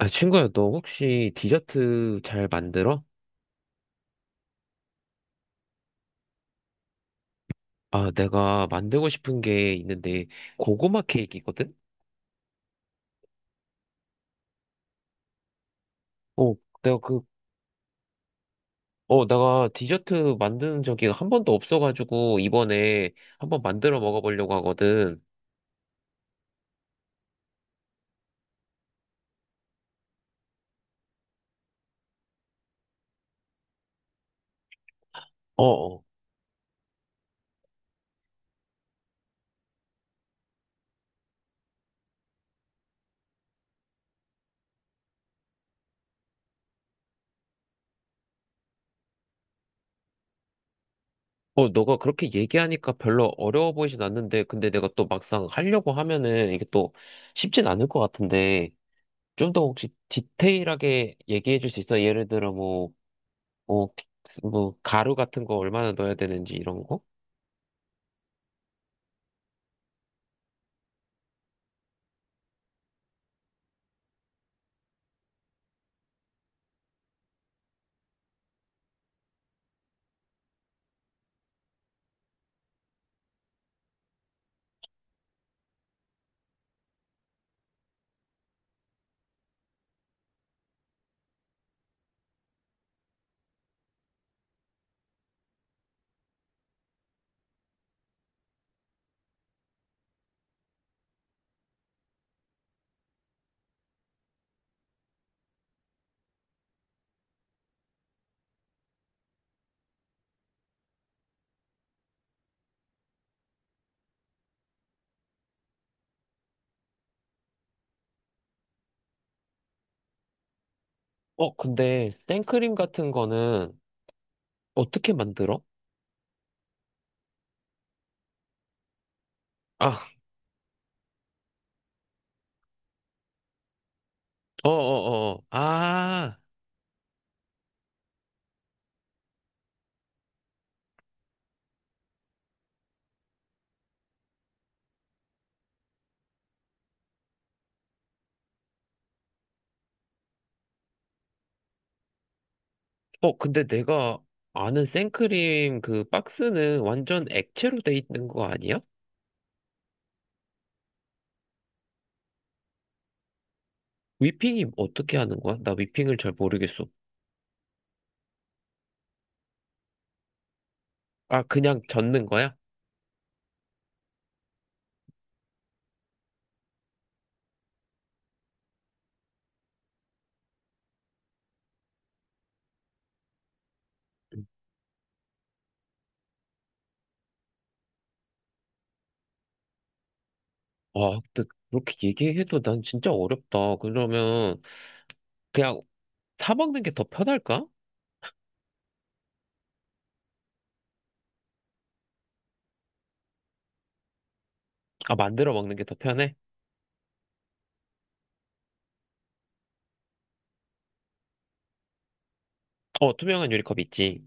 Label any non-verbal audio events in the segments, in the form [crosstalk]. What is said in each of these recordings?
아, 친구야, 너 혹시 디저트 잘 만들어? 아, 내가 만들고 싶은 게 있는데, 고구마 케이크거든? 어, 내가 그, 내가 디저트 만드는 적이 한 번도 없어가지고, 이번에 한번 만들어 먹어보려고 하거든. 어, 어, 너가 그렇게 얘기하니까 별로 어려워 보이진 않는데, 근데 내가 또 막상 하려고 하면은 이게 또 쉽진 않을 것 같은데, 좀 더 혹시 디테일하게 얘기해 줄 수 있어? 예를 들어 뭐, 뭐, 가루 같은 거 얼마나 넣어야 되는지 이런 거? 어, 근데 생크림 같은 거는 어떻게 만들어? 아, 어어어. 아, 어, 근데 내가 아는 생크림 그 박스는 완전 액체로 돼 있는 거 아니야? 위핑이 어떻게 하는 거야? 나 위핑을 잘 모르겠어. 아, 그냥 젓는 거야? 아, 근데 그렇게 얘기해도 난 진짜 어렵다. 그러면 그냥 사 먹는 게 더 편할까? 아, 만들어 먹는 게 더 편해? 어, 투명한 유리컵 있지.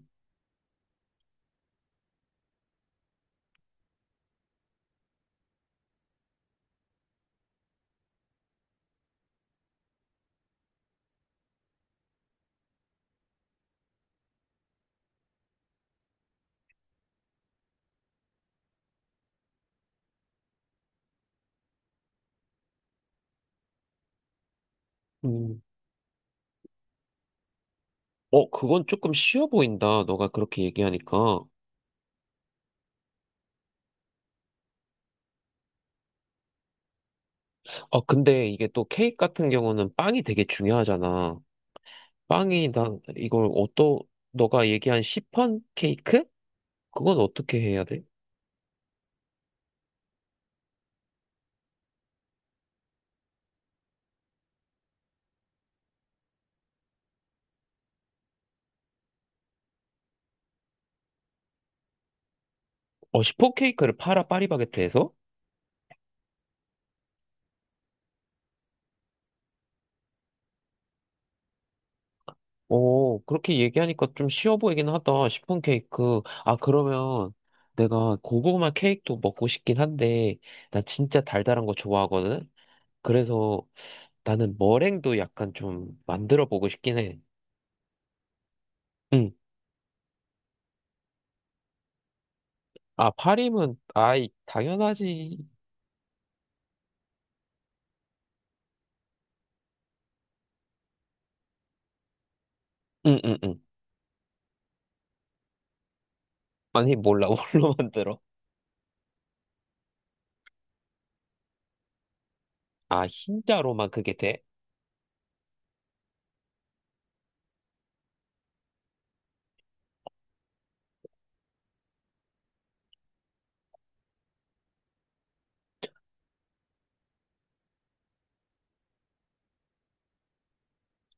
음. 어, 그건 조금 쉬워 보인다. 너가 그렇게 얘기하니까. 어, 근데 이게 또 케이크 같은 경우는 빵이 되게 중요하잖아. 빵이, 난 이걸 어떠, 너가 얘기한 시폰 케이크? 그건 어떻게 해야 돼? 어, 시폰 케이크를 팔아, 파리바게트에서? 오 그렇게 얘기하니까 좀 쉬워 보이긴 하다. 시폰 케이크. 아, 그러면 내가 고구마 케이크도 먹고 싶긴 한데, 나 진짜 달달한 거 좋아하거든? 그래서 나는 머랭도 약간 좀 만들어 보고 싶긴 해. 응. 아, 파림은, 아이, 당연하지. 응, 응, 응. 아니, 몰라. [laughs] 뭘로 만들어? 아, 흰자로만 그게 돼?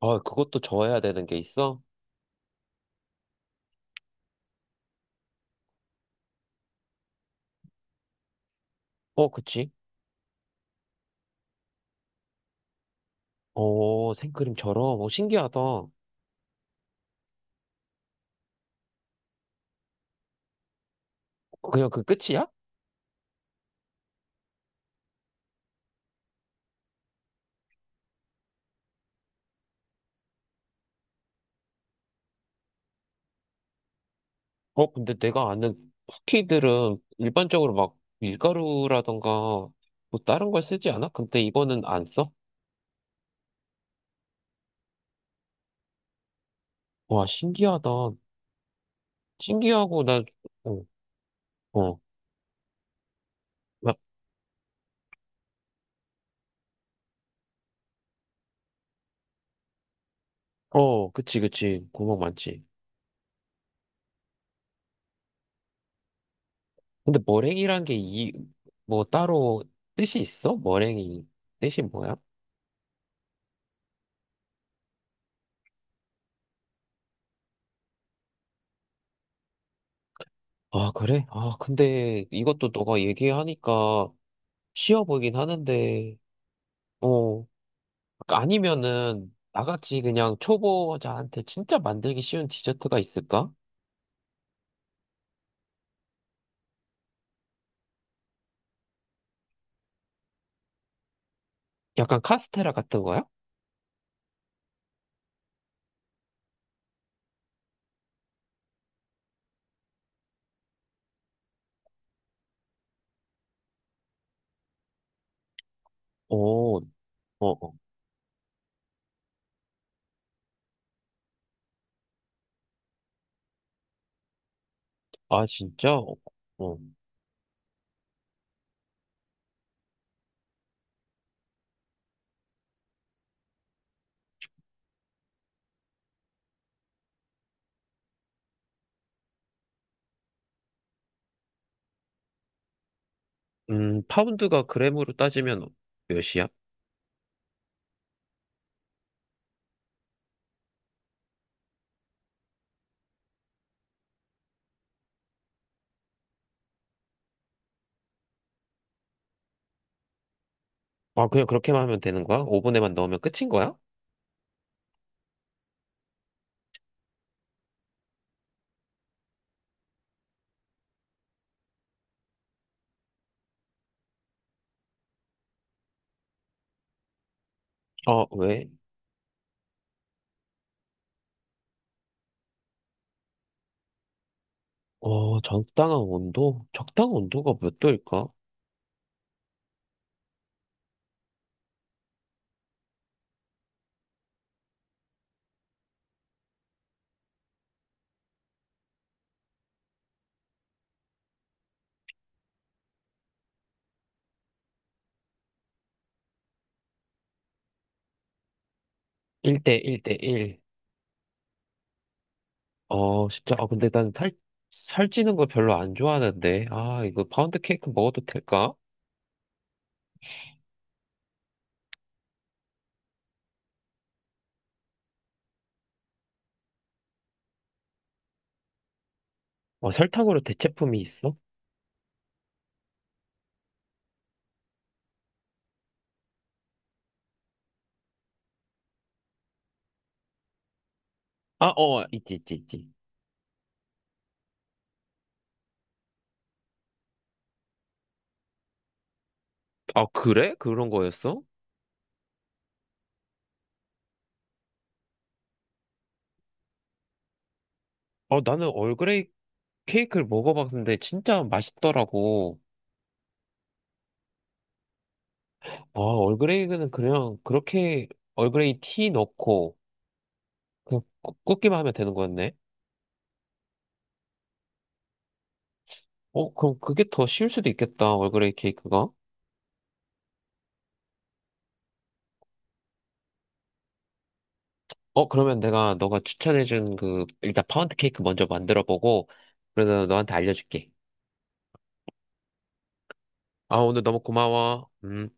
아, 그것도 저어야 되는 게 있어? 어, 그치? 어, 생크림처럼. 어, 신기하다. 그냥 그 끝이야? 어, 근데 내가 아는 쿠키들은 일반적으로 막 밀가루라던가 뭐 다른 걸 쓰지 않아? 근데 이거는 안 써? 와, 신기하다. 신기하고, 나, 어, 어, 막, 어, 그치. 구멍 많지. 근데 머랭이란 게 이, 뭐 따로 뜻이 있어? 머랭이 뜻이 뭐야? 아, 그래? 아, 근데 이것도 너가 얘기하니까 쉬워 보이긴 하는데, 어, 아니면은 나같이 그냥 초보자한테 진짜 만들기 쉬운 디저트가 있을까? 약간 카스테라 같은 거야? 오 어. 아, 진짜? 어. 파운드가 그램으로 따지면 몇이야? 아, 그냥 그렇게만 하면 되는 거야? 오븐에만 넣으면 끝인 거야? 아, 왜? 어, 적당한 온도? 적당한 온도가 몇 도일까? 1대 1대 1. 어, 진짜. 아, 근데 난 살, 살찌는 거 별로 안 좋아하는데. 아, 이거 파운드 케이크 먹어도 될까? 어, 설탕으로 대체품이 있어? 아, 어, 있지. 아, 그래? 그런 거였어? 어, 나는 얼그레이 케이크를 먹어봤는데 진짜 맛있더라고. 아, 얼그레이는 그냥 그렇게 얼그레이 티 넣고 그냥 굽- 굽기만 하면 되는 거였네. 어, 그럼 그게 더 쉬울 수도 있겠다, 얼그레이 케이크가. 어, 그러면 내가 너가 추천해준 그, 일단 파운드 케이크 먼저 만들어 보고, 그래서 너한테 알려줄게. 아, 오늘 너무 고마워. 음.